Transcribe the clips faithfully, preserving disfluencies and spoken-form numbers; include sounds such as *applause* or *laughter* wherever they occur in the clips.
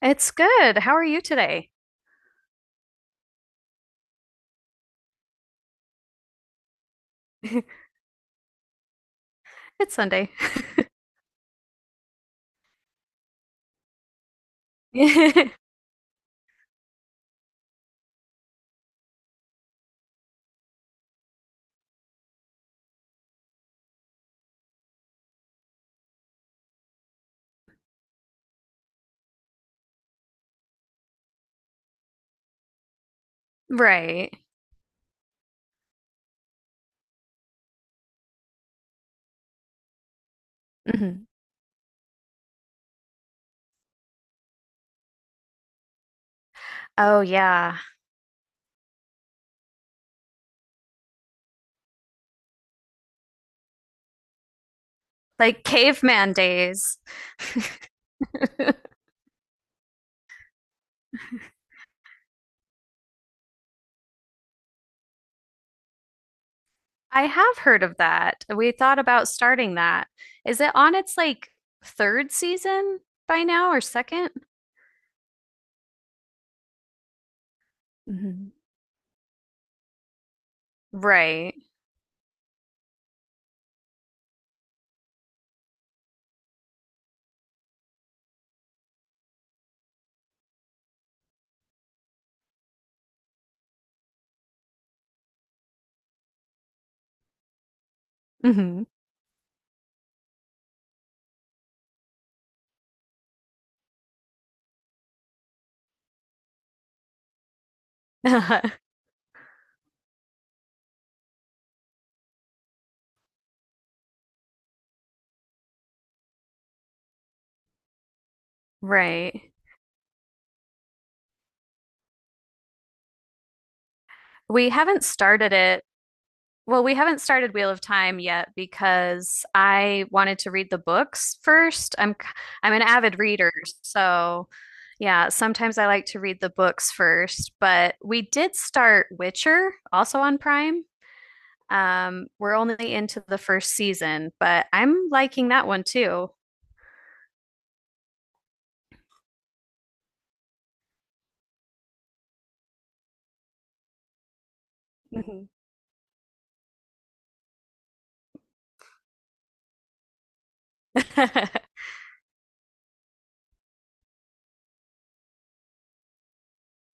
It's good. How are you today? *laughs* It's Sunday. *laughs* Right. Hmm. Oh, yeah. Like caveman days. *laughs* I have heard of that. We thought about starting that. Is it on its like third season by now or second? Right. Hmm. *laughs* Right. We haven't started it. Well, we haven't started Wheel of Time yet because I wanted to read the books first. I'm i I'm an avid reader, so yeah, sometimes I like to read the books first, but we did start Witcher also on Prime. Um, we're only into the first season, but I'm liking that one too. Mhm. *laughs*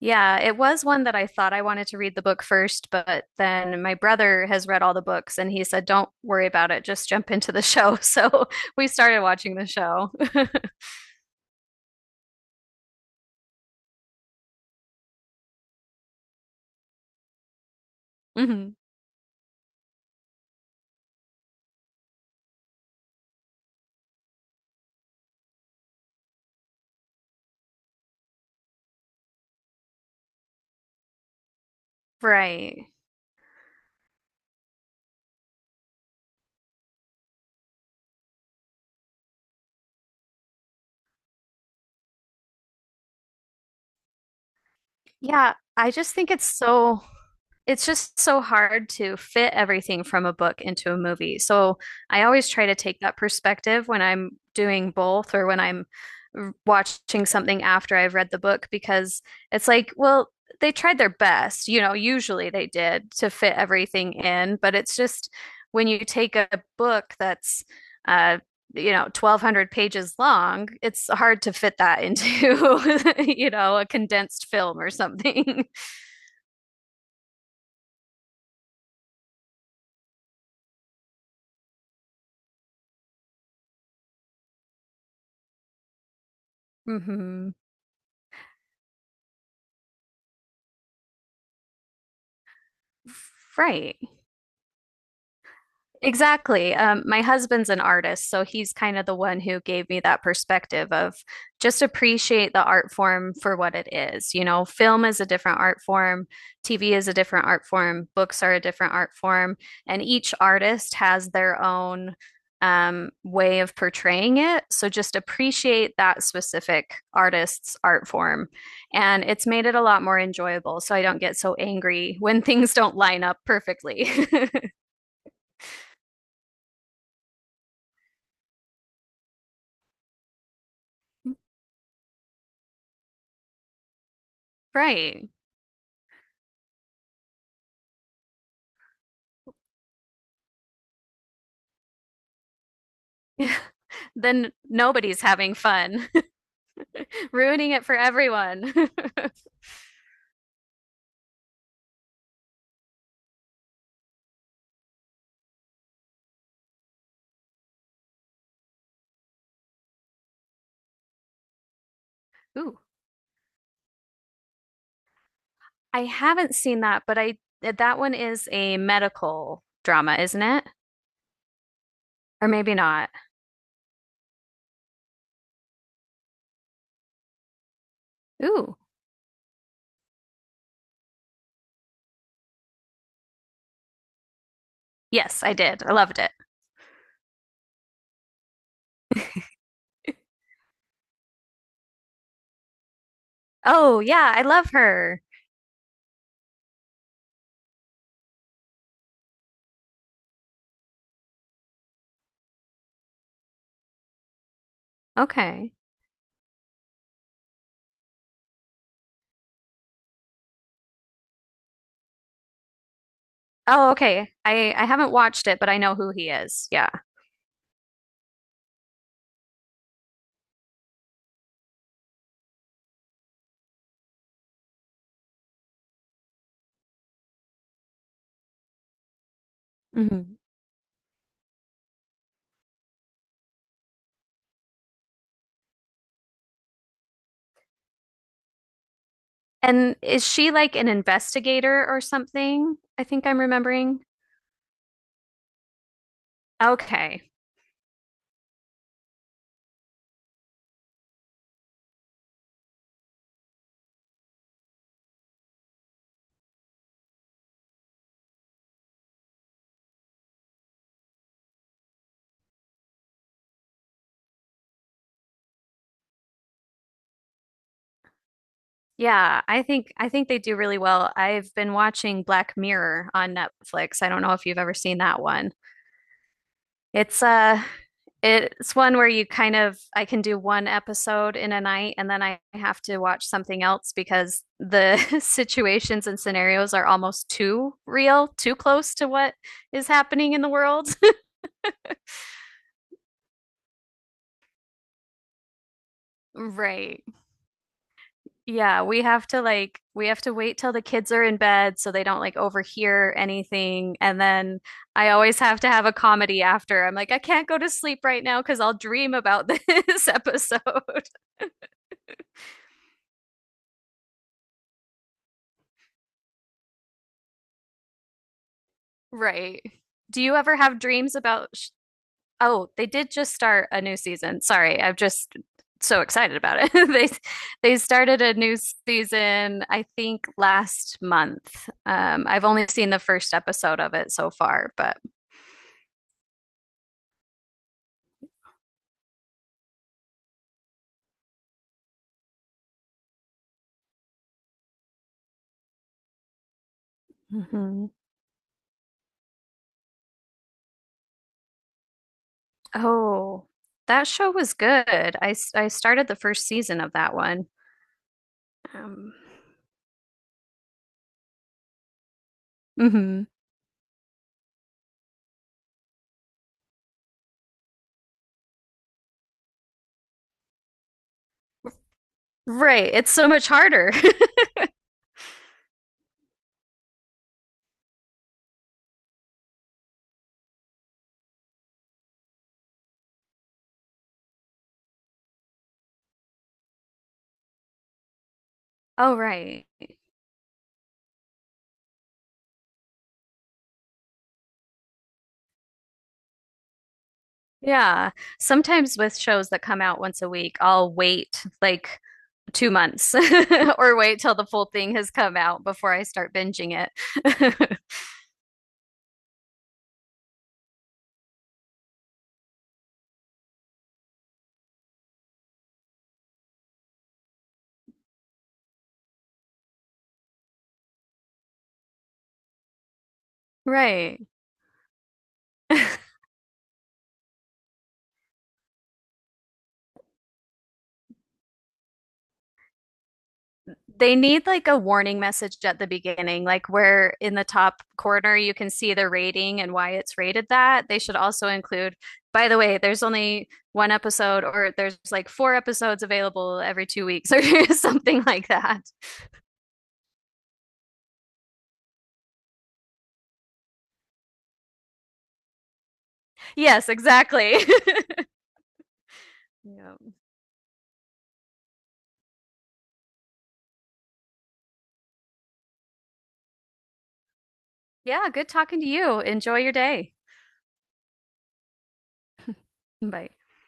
Yeah, it was one that I thought I wanted to read the book first, but then my brother has read all the books and he said, "Don't worry about it, just jump into the show." So *laughs* we started watching the show. *laughs* Mhm. Right. Yeah, I just think it's so it's just so hard to fit everything from a book into a movie. So I always try to take that perspective when I'm doing both or when I'm watching something after I've read the book because it's like, well, they tried their best, you know, usually they did to fit everything in, but it's just when you take a book that's uh you know twelve hundred pages long. It's hard to fit that into *laughs* you know a condensed film or something. *laughs* Hmm. Right. Exactly. Um, my husband's an artist, so he's kind of the one who gave me that perspective of just appreciate the art form for what it is. You know, film is a different art form, T V is a different art form, books are a different art form, and each artist has their own um, way of portraying it. So just appreciate that specific artist's art form. And it's made it a lot more enjoyable. So I don't get so angry when things don't line up perfectly. *laughs* Right. *laughs* Then nobody's having fun, *laughs* ruining it for everyone. *laughs* Ooh, I haven't seen that, but I eh, that one is a medical drama, isn't it? Or maybe not. Ooh, yes, I did. I loved it. Oh, yeah, I love her. Okay. Oh, okay. I I haven't watched it, but I know who he is. Yeah. Mhm. And is she like an investigator or something? I think I'm remembering. Okay. Yeah, I think I think they do really well. I've been watching Black Mirror on Netflix. I don't know if you've ever seen that one. It's uh it's one where you kind of I can do one episode in a night and then I have to watch something else because the *laughs* situations and scenarios are almost too real, too close to what is happening in the world. *laughs* Right. Yeah, we have to like we have to wait till the kids are in bed so they don't like overhear anything. And then I always have to have a comedy after. I'm like, I can't go to sleep right now because I'll dream about *laughs* this episode. *laughs* Right. Do you ever have dreams about sh— Oh, they did just start a new season. Sorry, I'm just so excited about it. *laughs* They they started a new season, I think last month. Um, I've only seen the first episode of it so far, but. Mhm. Oh, that show was good. I, s- I started the first season of that one. Um, hmm. Right. It's so much harder. *laughs* Oh, right. Yeah. Sometimes with shows that come out once a week, I'll wait like two months *laughs* or wait till the full thing has come out before I start binging it. *laughs* Right. *laughs* They need like a warning message at the beginning, like where in the top corner you can see the rating and why it's rated that. They should also include, by the way, there's only one episode or there's like four episodes available every two weeks or *laughs* something like that. Yes, exactly. *laughs* Yeah. Yeah, good talking to you. Enjoy your day. Bye.